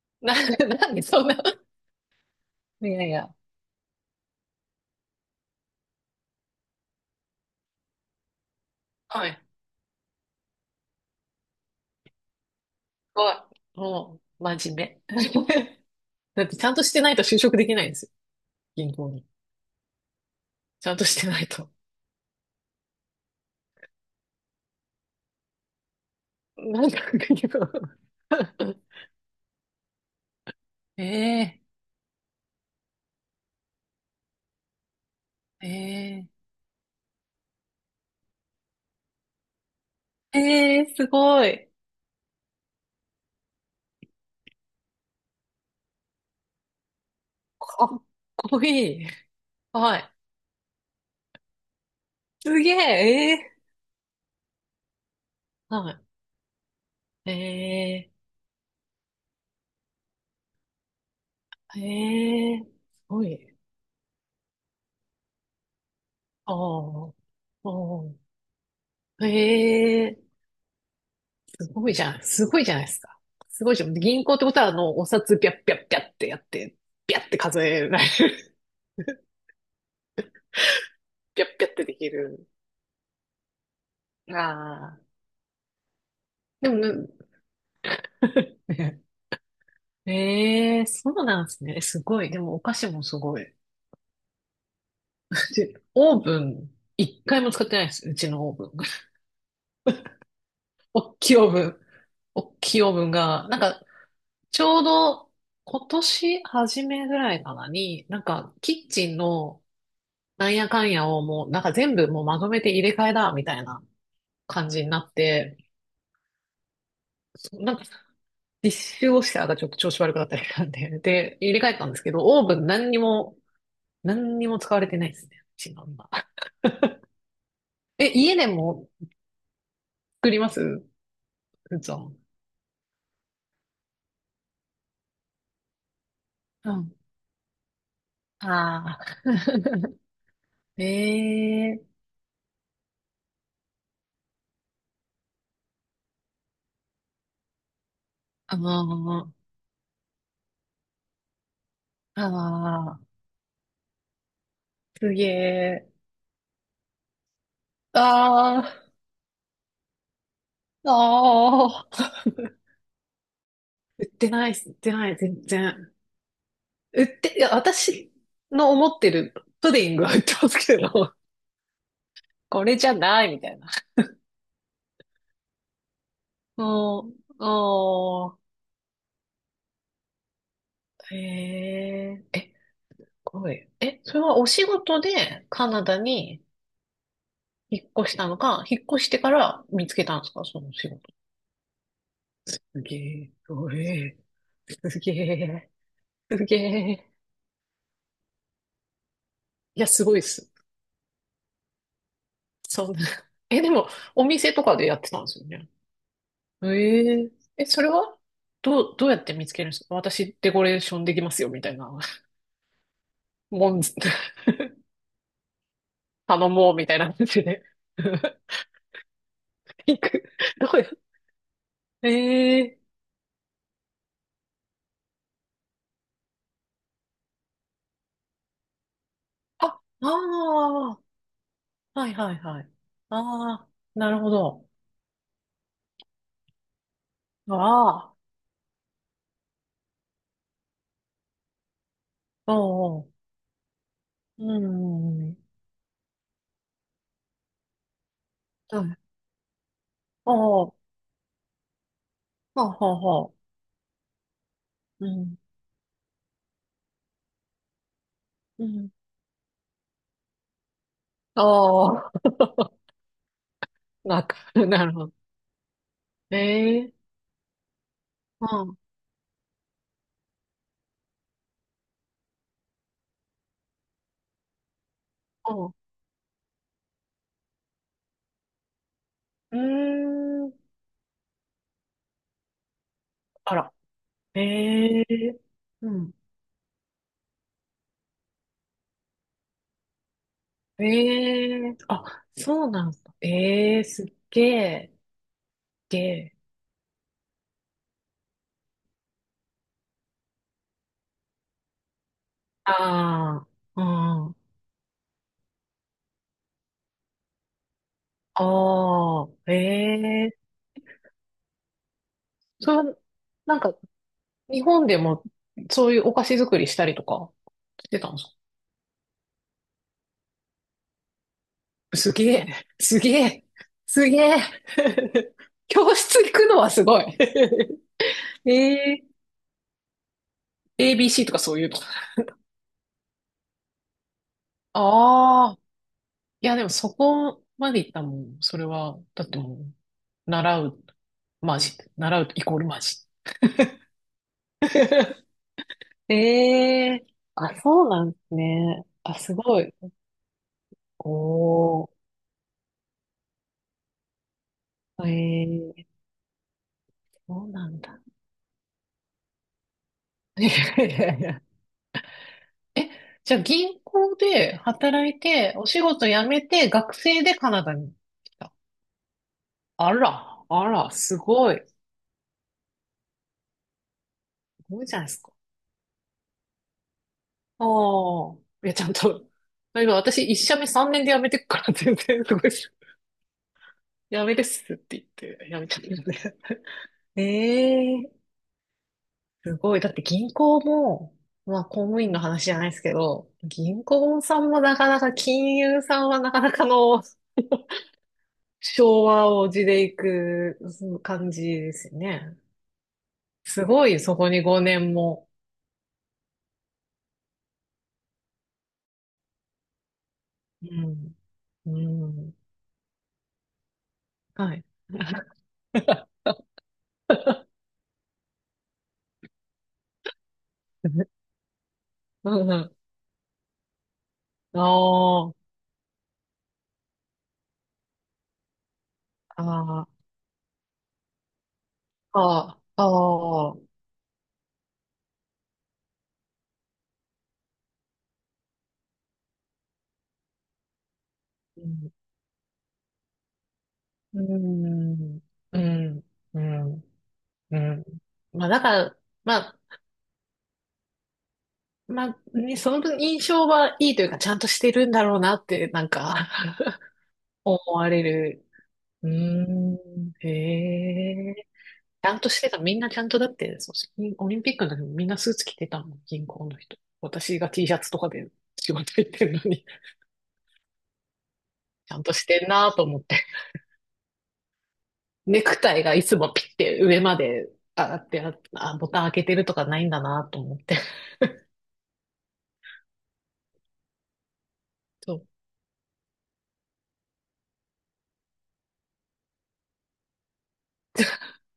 な、なんでそんな。いやいや。はい。は、もう、真面目。だってちゃんとしてないと就職できないんですよ。銀行に。ちゃんとしてないと。なんか、ええええええすごい。かっこいい。はい。すげえ、ええはい。ええええすごい。ああ、ああ、ええすごいじゃん。すごいじゃないですか。すごいじゃん。銀行ってことは、お札ピャッピャッピャッってやって、ピャッて数えられる。ピャッピャッってできる。ああ。でもね、ええそうなんですね。すごい。でもお菓子もすごい。でオーブン、一回も使ってないです。うちのオーブン。おっきいオーブン。おっきいオーブンが、なんか、ちょうど今年初めぐらいかなに、なんか、キッチンのなんやかんやをもう、なんか全部もうまとめて入れ替えだ、みたいな感じになって、そなんか、実習をしてたらちょっと調子悪くなったりしたんで、で、入れ替えたんですけど、オーブン何にも、何にも使われてないですね。うちの今。え、家でも作りますうつん。うん。ああ。ええあのああ、すげえ。ああ、ああ。売ってないっす、売ってない、全然。売って、いや、私の思ってるプディングは売ってますけど、これじゃないみたいな。うん、うん、えー、え、すごい。え、それはお仕事でカナダに引っ越したのか、引っ越してから見つけたんですか、その仕事。すげえ、すごい。すげえ、すげえ。いや、すごいっす。そんな。え、でも、お店とかでやってたんですよね。えええ、それはどう、どうやって見つけるんですか私デコレーションできますよ、みたいな。もん、頼もう、みたいな感じで。行く。どうや、ええあ、ああ、はいはいはい。ああ、なるほど。ああ、おうおう、うん、うんうん、はい。おうおうほうほう、はははうん、うん。ああ、なんか、なるほど。ええうん、うん、うーん、あら。ええうん。ええあ、そうなんですか。ええすっげえ、げああー、うん、ああ、ええそれは、なんか、日本でも、そういうお菓子作りしたりとか、してたんですかすげえ、すげえ、すげえ。教室行くのはすごい。ええ ABC とかそういうの。ああ、いやでもそこまで行ったもん、それは。だってもう、習う、まあ、し習うイコールまあ、しええあ、そうなんですね。あ、すごい。おー、ええそうなんだ。いやいやいや。え、じゃあ銀行で働いて、お仕事辞めて、学生でカナダに来た。あら、あら、すごい。すごいじゃないですか。ああ、いや、ちゃんと、今私一社目3年で辞めてくから全然すごいっす。辞めですって言って辞めちゃったよね。ええすごい。だって銀行も、まあ公務員の話じゃないですけど、銀行さんもなかなか、金融さんはなかなかの 昭和を地でいく感じですよね。すごい、そこに5年も。うん。うん。はい。うんうん。あーあー、あーあー、うん、うん、うん、うん。うんまあ、だから、まあ、まあね、その印象はいいというか、ちゃんとしてるんだろうなって、なんか 思われる。うーん、へえ。ちゃんとしてた。みんなちゃんとだって、そうオリンピックの時もみんなスーツ着てたもん、銀行の人。私が T シャツとかで仕事行ってるのに、ちゃんとしてんなと思って。ネクタイがいつもピッて上まで上がってあ、あボタン開けてるとかないんだなと思って。そう。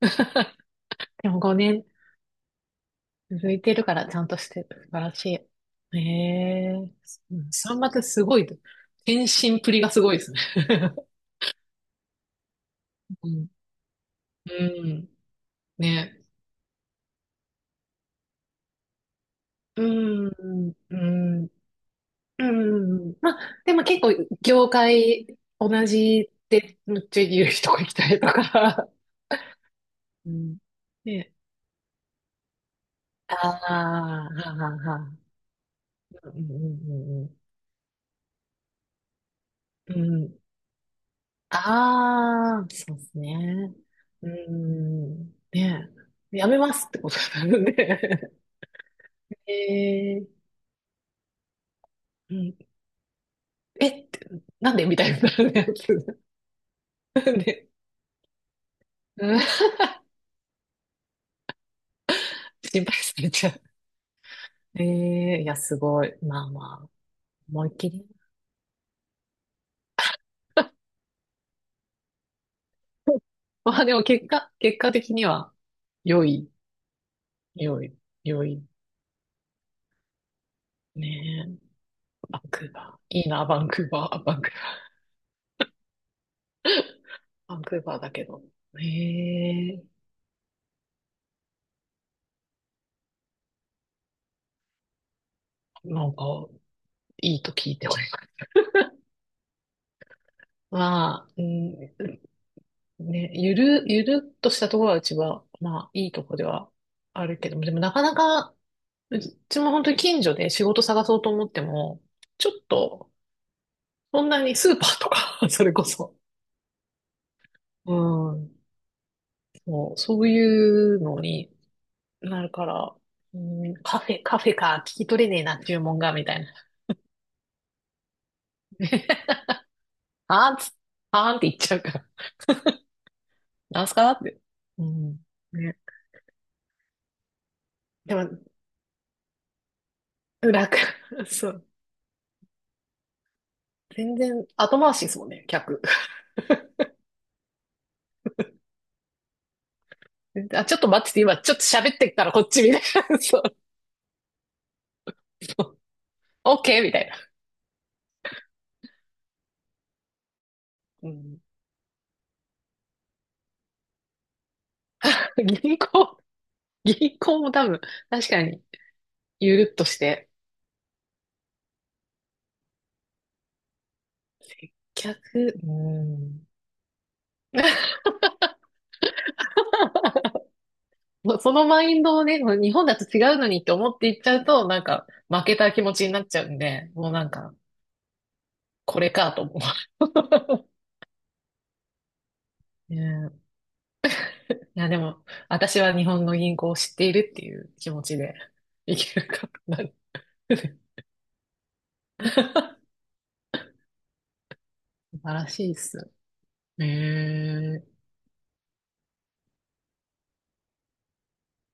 でも5年、続いてるからちゃんとしてる。素晴らしい。ええ三幕すごい。献身プリがすごいですね。うん。ねうん。ね。うん。うん。うん。まあ、でも結構、業界同じってめっちゃ言う人がいたりとか。うん。ね。ああ、はあはあはあ。うんうんうんうん。うん。ああ、そうですね。うーん、ねえ。やめますってことなので。えー、うん、え、ってなんでみたいなやつ。なで、うん、心配されちゃう。ええいや、すごい。まあまあ、思いっきり。まあでも結果、結果的には、良い、良い、良い。ねえ、バンクーバー。いいな、バンクーバー、バンクーバー。バンクーバーだけど。ええなんか、いいと聞いてます。まあ、うん、ね、ゆる、ゆるっとしたところはうちは、まあ、いいとこではあるけども、でもなかなか、うちも本当に近所で仕事探そうと思っても、ちょっと、そんなにスーパーとか それこそ、うん、そう、そういうのになるから、うん、カフェ、カフェか、聞き取れねえな、注文が、みたいな。あーんつ、あーんって言っちゃうから。なんすかって。うん。ね。でも、楽。そう。全然後回しですもんね、客。あ、ちょっと待ってて、今ちょっと喋ってっからこっちみたいな。そうそう。OK？ みたいな。うん、銀行、銀行も多分、確かに、ゆるっとして。接客、うん。もうそのマインドをね、もう日本だと違うのにって思っていっちゃうと、なんか、負けた気持ちになっちゃうんで、もうなんか、これかと思う。うんいや、でも、私は日本の銀行を知っているっていう気持ちでいけるかな。晴らしいっす。へえ。